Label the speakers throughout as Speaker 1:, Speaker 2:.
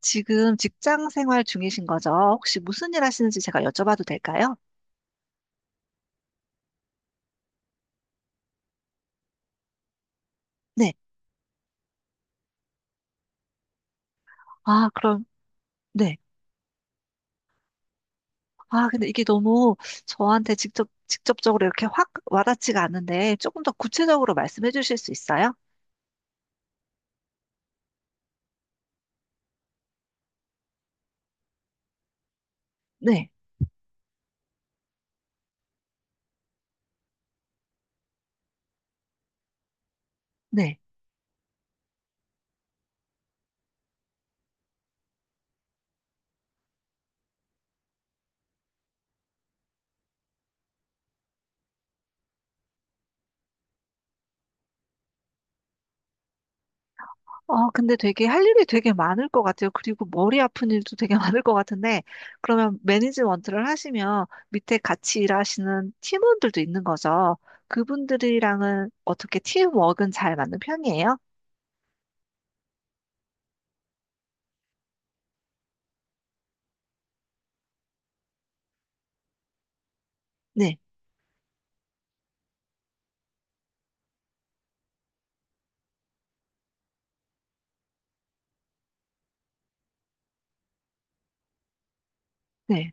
Speaker 1: 지금 직장 생활 중이신 거죠? 혹시 무슨 일 하시는지 제가 여쭤봐도 될까요? 네. 아, 그럼, 네. 아, 근데 이게 너무 저한테 직접적으로 이렇게 확 와닿지가 않는데 조금 더 구체적으로 말씀해 주실 수 있어요? 네. 네. 어, 근데 되게 할 일이 되게 많을 것 같아요. 그리고 머리 아픈 일도 되게 많을 것 같은데, 그러면 매니지먼트를 하시면 밑에 같이 일하시는 팀원들도 있는 거죠. 그분들이랑은 어떻게 팀워크는 잘 맞는 편이에요? 네. 네.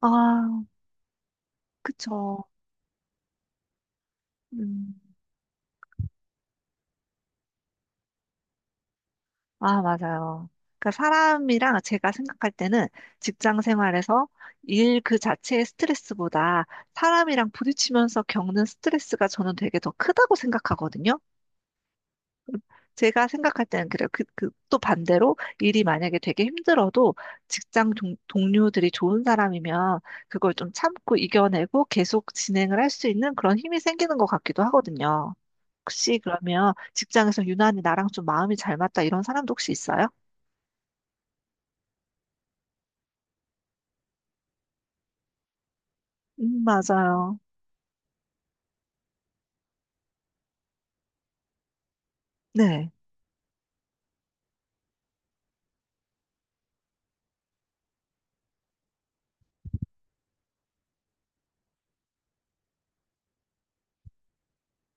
Speaker 1: 아, 그쵸. 음. 아, 맞아요. 그러니까 사람이랑 제가 생각할 때는 직장 생활에서 일 그 자체의 스트레스보다 사람이랑 부딪히면서 겪는 스트레스가 저는 되게 더 크다고 생각하거든요. 제가 생각할 때는 그래요. 또 반대로 일이 만약에 되게 힘들어도 직장 동료들이 좋은 사람이면 그걸 좀 참고 이겨내고 계속 진행을 할 수 있는 그런 힘이 생기는 것 같기도 하거든요. 혹시 그러면 직장에서 유난히 나랑 좀 마음이 잘 맞다 이런 사람도 혹시 있어요? 맞아요. 네,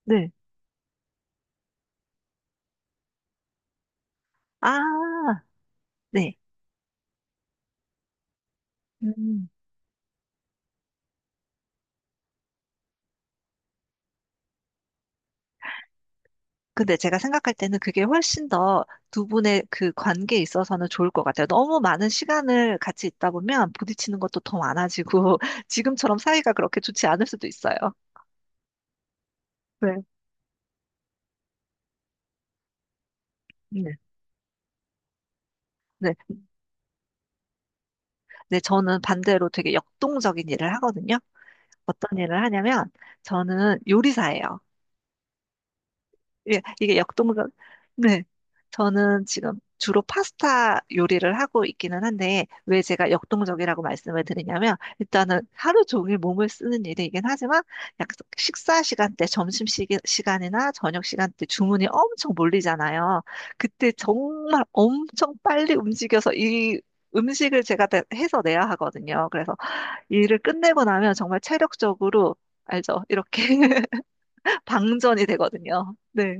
Speaker 1: 네. 아, 네. 음. 근데 제가 생각할 때는 그게 훨씬 더 두 분의 그 관계에 있어서는 좋을 것 같아요. 너무 많은 시간을 같이 있다 보면 부딪히는 것도 더 많아지고 지금처럼 사이가 그렇게 좋지 않을 수도 있어요. 네. 네. 네. 네, 저는 반대로 되게 역동적인 일을 하거든요. 어떤 일을 하냐면 저는 요리사예요. 예, 이게 역동적, 네. 저는 지금 주로 파스타 요리를 하고 있기는 한데, 왜 제가 역동적이라고 말씀을 드리냐면, 일단은 하루 종일 몸을 쓰는 일이긴 하지만, 약 식사 시간대, 점심 시간이나 저녁 시간대 주문이 엄청 몰리잖아요. 그때 정말 엄청 빨리 움직여서 이 음식을 제가 다 해서 내야 하거든요. 그래서 일을 끝내고 나면 정말 체력적으로, 알죠? 이렇게 방전이 되거든요. 네.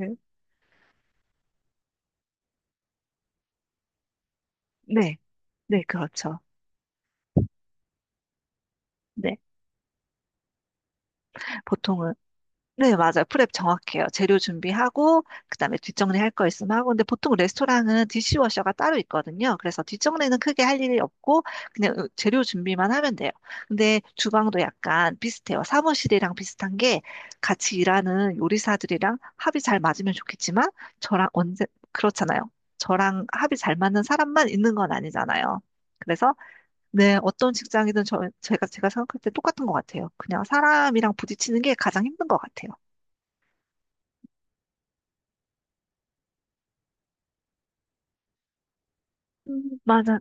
Speaker 1: 네. 네, 그렇죠. 네. 보통은, 네, 맞아요. 프랩 정확해요. 재료 준비하고, 그 다음에 뒷정리 할 거 있으면 하고, 근데 보통 레스토랑은 디시워셔가 따로 있거든요. 그래서 뒷정리는 크게 할 일이 없고, 그냥 재료 준비만 하면 돼요. 근데 주방도 약간 비슷해요. 사무실이랑 비슷한 게 같이 일하는 요리사들이랑 합이 잘 맞으면 좋겠지만, 저랑 언제, 그렇잖아요. 저랑 합이 잘 맞는 사람만 있는 건 아니잖아요. 그래서 네, 어떤 직장이든 제가 생각할 때 똑같은 것 같아요. 그냥 사람이랑 부딪히는 게 가장 힘든 것 같아요. 음, 맞아,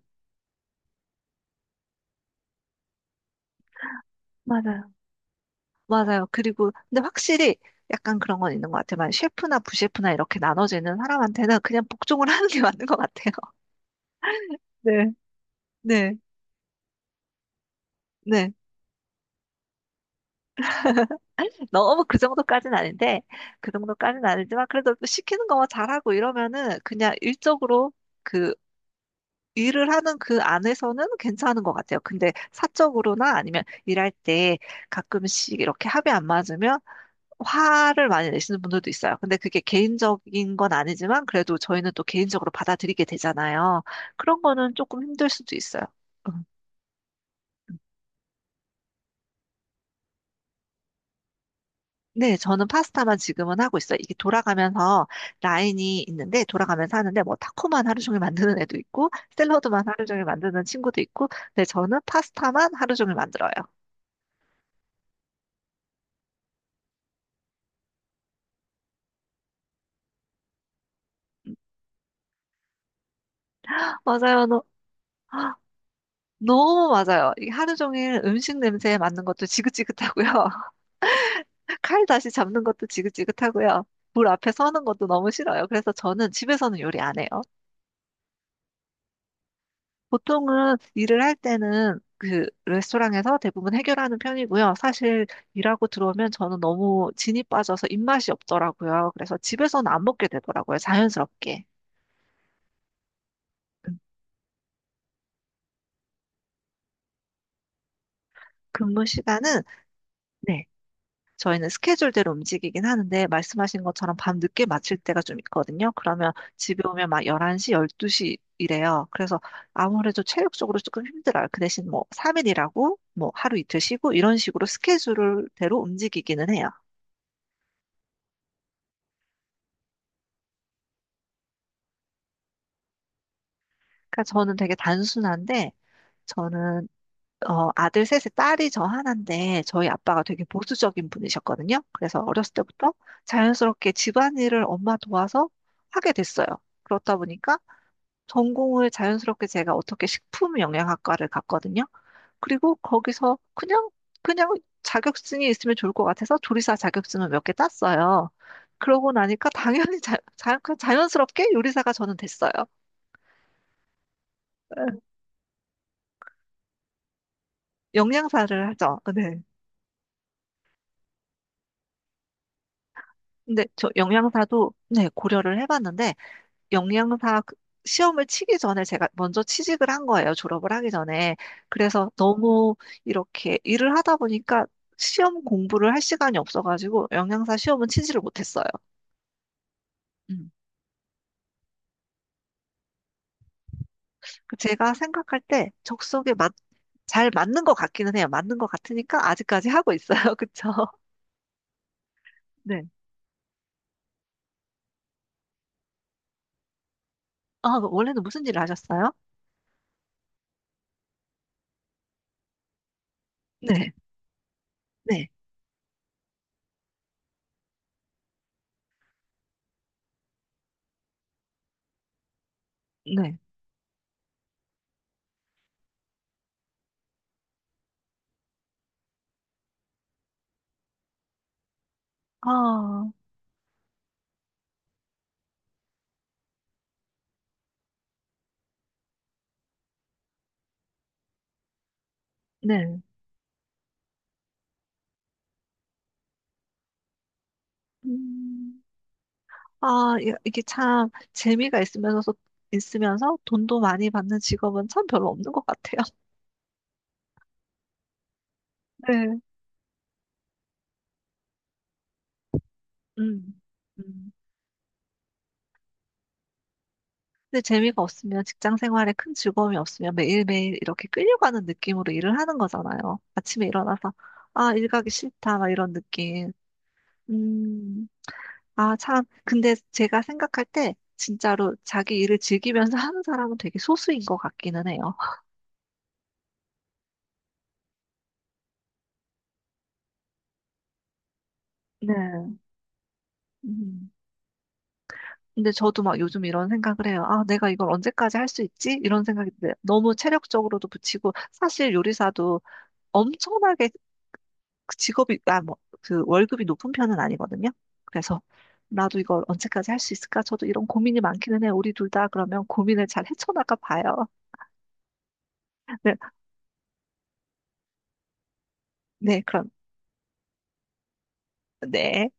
Speaker 1: 맞아요. 맞아요. 그리고, 근데 확실히 약간 그런 건 있는 것 같아요. 만약 셰프나 부셰프나 이렇게 나눠지는 사람한테는 그냥 복종을 하는 게 맞는 것 같아요. 네. 네, 네. 너무 그 정도까지는 아닌데, 그 정도까지는 아니지만, 그래도 시키는 것만 잘하고 이러면은 그냥 일적으로 그 일을 하는 그 안에서는 괜찮은 것 같아요. 근데 사적으로나 아니면 일할 때 가끔씩 이렇게 합이 안 맞으면 화를 많이 내시는 분들도 있어요. 근데 그게 개인적인 건 아니지만 그래도 저희는 또 개인적으로 받아들이게 되잖아요. 그런 거는 조금 힘들 수도 있어요. 음. 네, 저는 파스타만 지금은 하고 있어요. 이게 돌아가면서 라인이 있는데, 돌아가면서 하는데, 뭐, 타코만 하루 종일 만드는 애도 있고, 샐러드만 하루 종일 만드는 친구도 있고, 근데 저는 파스타만 하루 종일 만들어요. 맞아요. 너. 너무 맞아요. 이게 하루 종일 음식 냄새에 맡는 것도 지긋지긋하고요. 칼 다시 잡는 것도 지긋지긋하고요. 불 앞에 서는 것도 너무 싫어요. 그래서 저는 집에서는 요리 안 해요. 보통은 일을 할 때는 그 레스토랑에서 대부분 해결하는 편이고요. 사실 일하고 들어오면 저는 너무 진이 빠져서 입맛이 없더라고요. 그래서 집에서는 안 먹게 되더라고요. 자연스럽게. 근무 시간은 네, 저희는 스케줄대로 움직이긴 하는데 말씀하신 것처럼 밤 늦게 마칠 때가 좀 있거든요. 그러면 집에 오면 막 11시, 12시 이래요. 그래서 아무래도 체력적으로 조금 힘들어요. 그 대신 뭐 3일 일하고 뭐 하루 이틀 쉬고 이런 식으로 스케줄대로 움직이기는 해요. 그러니까 저는 되게 단순한데 저는 아들 셋에 딸이 저 하나인데 저희 아빠가 되게 보수적인 분이셨거든요. 그래서 어렸을 때부터 자연스럽게 집안일을 엄마 도와서 하게 됐어요. 그렇다 보니까 전공을 자연스럽게 제가 어떻게 식품 영양학과를 갔거든요. 그리고 거기서 그냥, 그냥 자격증이 있으면 좋을 것 같아서 조리사 자격증을 몇 개 땄어요. 그러고 나니까 당연히 자, 자, 그 자연스럽게 요리사가 저는 됐어요. 네. 영양사를 하죠. 네. 근데 저 영양사도 네, 고려를 해봤는데 영양사 그- 시험을 치기 전에 제가 먼저 취직을 한 거예요. 졸업을 하기 전에. 그래서 너무 이렇게 일을 하다 보니까 시험 공부를 할 시간이 없어가지고 영양사 시험은 치지를 못했어요. 음. 그 제가 생각할 때 적성에 맞, 잘 맞는 것 같기는 해요. 맞는 것 같으니까 아직까지 하고 있어요. 그쵸? 네. 아, 그 원래는 무슨 일을 하셨어요? 네. 네. 네. 아, 네. 음. 아, 이게 참 있으면서 돈도 많이 받는 직업은 참 별로 없는 것 같아요. 네. 음, 음. 근데 재미가 없으면 직장 생활에 큰 즐거움이 없으면 매일매일 이렇게 끌려가는 느낌으로 일을 하는 거잖아요. 아침에 일어나서, 아, 일 가기 싫다, 막 이런 느낌. 음, 아, 참. 근데 제가 생각할 때 진짜로 자기 일을 즐기면서 하는 사람은 되게 소수인 것 같기는 해요. 네. 음. 근데 저도 막 요즘 이런 생각을 해요. 아, 내가 이걸 언제까지 할 수 있지? 이런 생각이 들어요. 너무 체력적으로도 붙이고, 사실 요리사도 엄청나게 그 직업이, 아, 뭐, 그 월급이 높은 편은 아니거든요. 그래서 나도 이걸 언제까지 할 수 있을까? 저도 이런 고민이 많기는 해요. 우리 둘 다 그러면 고민을 잘 헤쳐나가 봐요. 네, 네, 그럼, 네.